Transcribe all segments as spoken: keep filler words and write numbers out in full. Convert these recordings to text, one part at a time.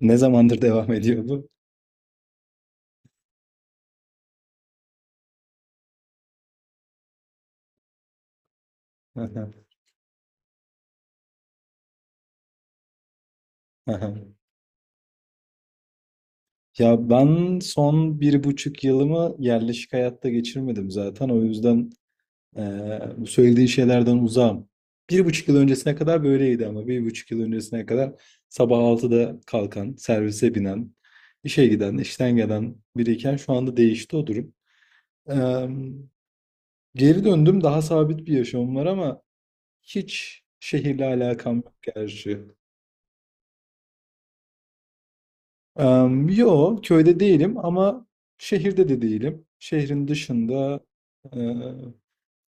Ne zamandır devam ediyor bu? Aha, aha. Ya ben son bir buçuk yılımı yerleşik hayatta geçirmedim zaten. O yüzden eee, bu söylediğin şeylerden uzağım. Bir buçuk yıl öncesine kadar böyleydi ama bir buçuk yıl öncesine kadar sabah altıda kalkan, servise binen, işe giden, işten gelen biriyken şu anda değişti o durum. Eee, Geri döndüm, daha sabit bir yaşamım var ama hiç şehirle alakam yok gerçi. Em, yo, köyde değilim ama şehirde de değilim. Şehrin dışında e,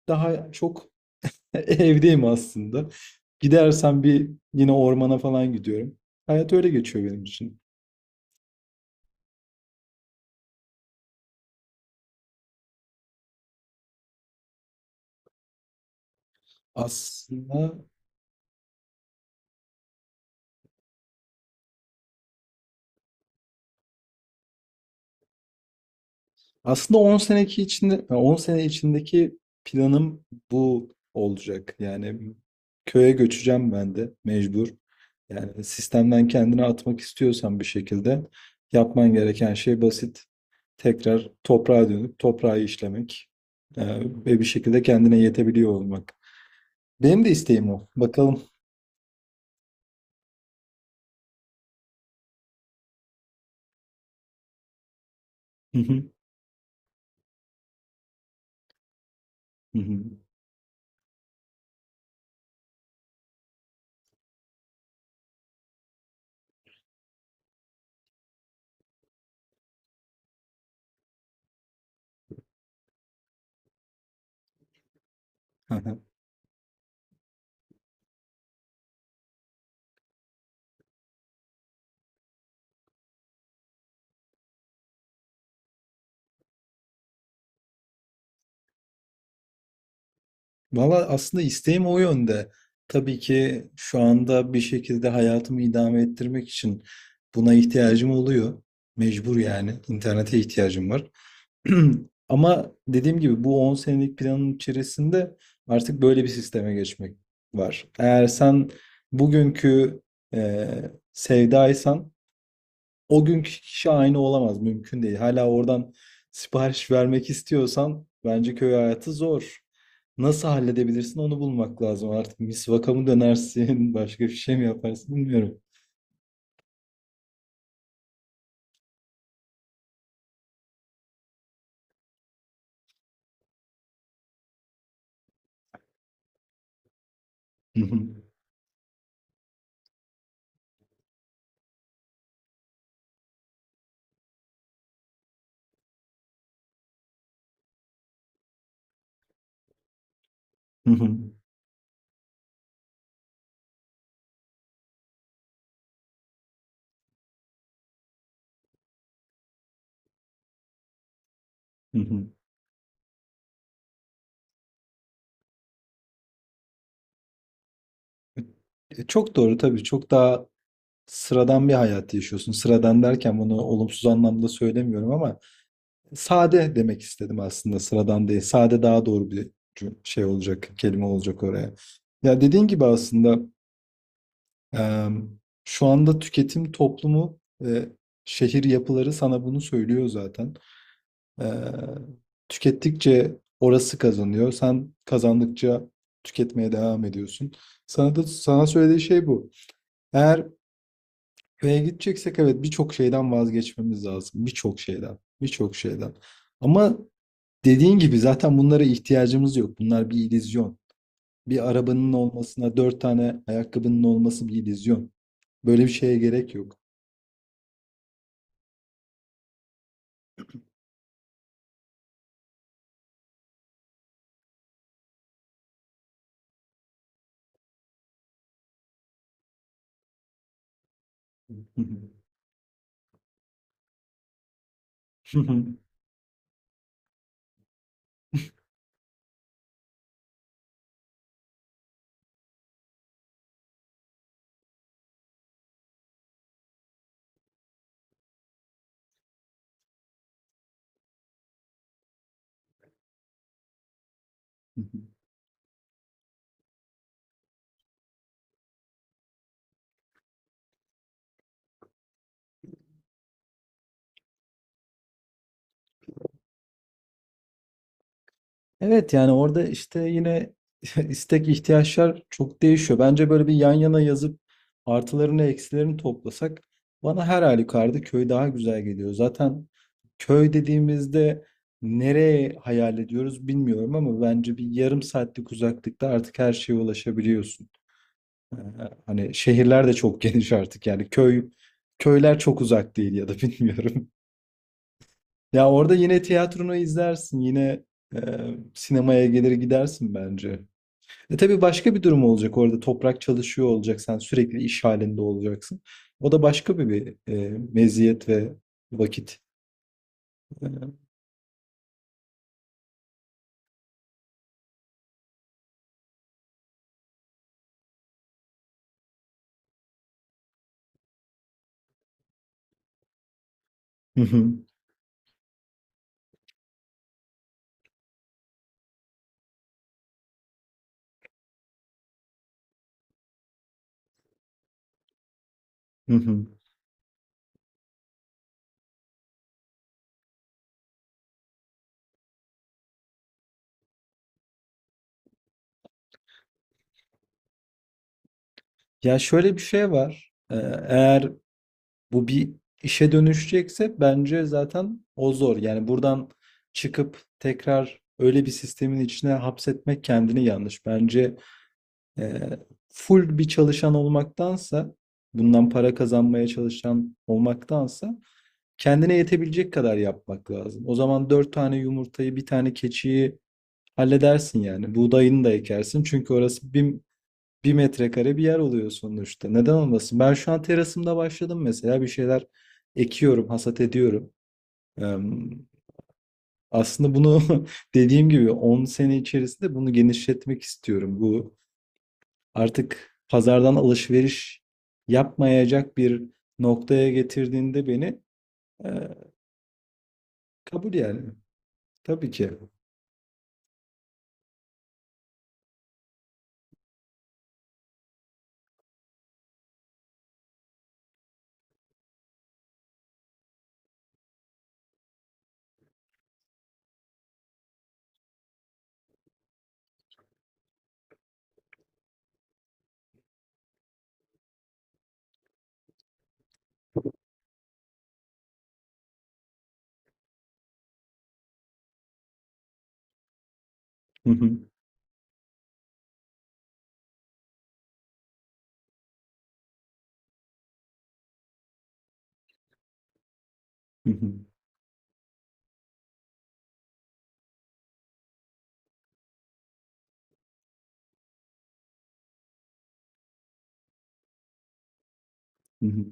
daha çok evdeyim aslında. Gidersem bir yine ormana falan gidiyorum. Hayat öyle geçiyor benim için. Aslında Aslında on seneki içinde on sene içindeki planım bu olacak. Yani köye göçeceğim ben de mecbur. Yani sistemden kendini atmak istiyorsan bir şekilde yapman gereken şey basit. Tekrar toprağa dönüp toprağı işlemek e, ve bir şekilde kendine yetebiliyor olmak. Benim de isteğim o. Bakalım. Hı hı, hı hı. Valla aslında isteğim o yönde. Tabii ki şu anda bir şekilde hayatımı idame ettirmek için buna ihtiyacım oluyor. Mecbur yani. İnternete ihtiyacım var. Ama dediğim gibi bu on senelik planın içerisinde artık böyle bir sisteme geçmek var. Eğer sen bugünkü e, sevdaysan o günkü kişi aynı olamaz. Mümkün değil. Hala oradan sipariş vermek istiyorsan bence köy hayatı zor. Nasıl halledebilirsin onu bulmak lazım. Artık misvaka mı dönersin, başka bir şey mi yaparsın bilmiyorum. E, Çok doğru tabii. Çok daha sıradan bir hayat yaşıyorsun. Sıradan derken bunu olumsuz anlamda söylemiyorum ama sade demek istedim aslında. Sıradan değil. Sade daha doğru bir cüm- şey olacak, kelime olacak oraya. Ya dediğin gibi aslında, Eee, şu anda tüketim toplumu ve şehir yapıları sana bunu söylüyor zaten. Eee, Tükettikçe orası kazanıyor. Sen kazandıkça tüketmeye devam ediyorsun. Sana da sana söylediği şey bu. Eğer beye gideceksek evet birçok şeyden vazgeçmemiz lazım. Birçok şeyden. Birçok şeyden. Ama dediğin gibi zaten bunlara ihtiyacımız yok. Bunlar bir illüzyon. Bir arabanın olmasına, dört tane ayakkabının olması bir illüzyon. Böyle bir şeye gerek yok. Evet yani orada işte yine istek ihtiyaçlar çok değişiyor. Bence böyle bir yan yana yazıp artılarını eksilerini toplasak bana her halükarda köy daha güzel geliyor. Zaten köy dediğimizde nereye hayal ediyoruz bilmiyorum ama bence bir yarım saatlik uzaklıkta artık her şeye ulaşabiliyorsun. Ee, Hani şehirler de çok geniş artık yani köy köyler çok uzak değil ya da bilmiyorum. Ya orada yine tiyatronu izlersin, yine e, sinemaya gelir gidersin bence. E tabii başka bir durum olacak orada. Toprak çalışıyor olacak, sen sürekli iş halinde olacaksın. O da başka bir, bir e, meziyet ve vakit. E, hı hı, hı hı. Ya şöyle bir şey var. E, eğer bu bir işe dönüşecekse bence zaten o zor. Yani buradan çıkıp tekrar öyle bir sistemin içine hapsetmek kendini yanlış. Bence Eee, full bir çalışan olmaktansa, bundan para kazanmaya çalışan olmaktansa kendine yetebilecek kadar yapmak lazım. O zaman dört tane yumurtayı, bir tane keçiyi halledersin yani. Buğdayını da ekersin çünkü orası bir, bir metrekare bir yer oluyor sonuçta. Neden olmasın? Ben şu an terasımda başladım mesela bir şeyler ekiyorum, hasat ediyorum. Eee, Aslında bunu dediğim gibi on sene içerisinde bunu genişletmek istiyorum. Bu artık pazardan alışveriş yapmayacak bir noktaya getirdiğinde beni e, kabul yani. Tabii ki. Hı hı, hı hı, hı hı.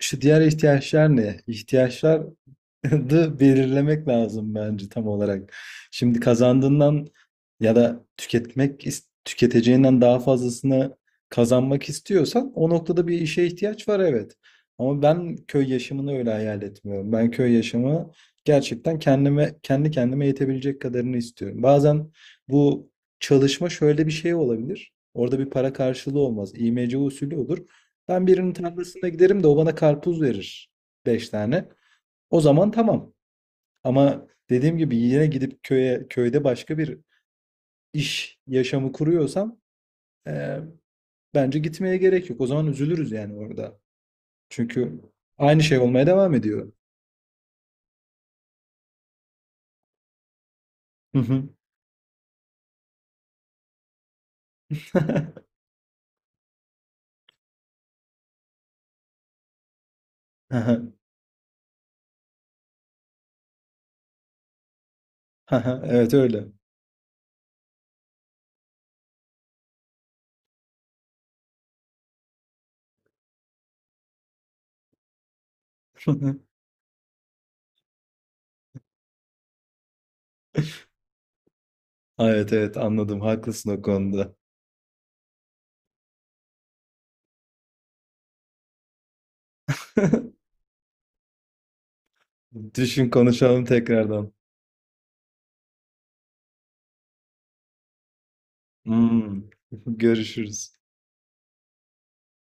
İşte diğer ihtiyaçlar ne? İhtiyaçlar da belirlemek lazım bence tam olarak. Şimdi kazandığından ya da tüketmek is- tüketeceğinden daha fazlasını kazanmak istiyorsan o noktada bir işe ihtiyaç var evet. Ama ben köy yaşamını öyle hayal etmiyorum. Ben köy yaşamı gerçekten kendime kendi kendime yetebilecek kadarını istiyorum. Bazen bu çalışma şöyle bir şey olabilir. Orada bir para karşılığı olmaz. İMC usulü olur. Ben birinin tarlasına giderim de o bana karpuz verir. Beş tane. O zaman tamam. Ama dediğim gibi yine gidip köye köyde başka bir iş yaşamı kuruyorsam eee, bence gitmeye gerek yok. O zaman üzülürüz yani orada. Çünkü aynı şey olmaya devam ediyor. Hı hı. Evet öyle. Evet evet anladım. Haklısın o konuda. Düşün konuşalım tekrardan. Hmm. Görüşürüz.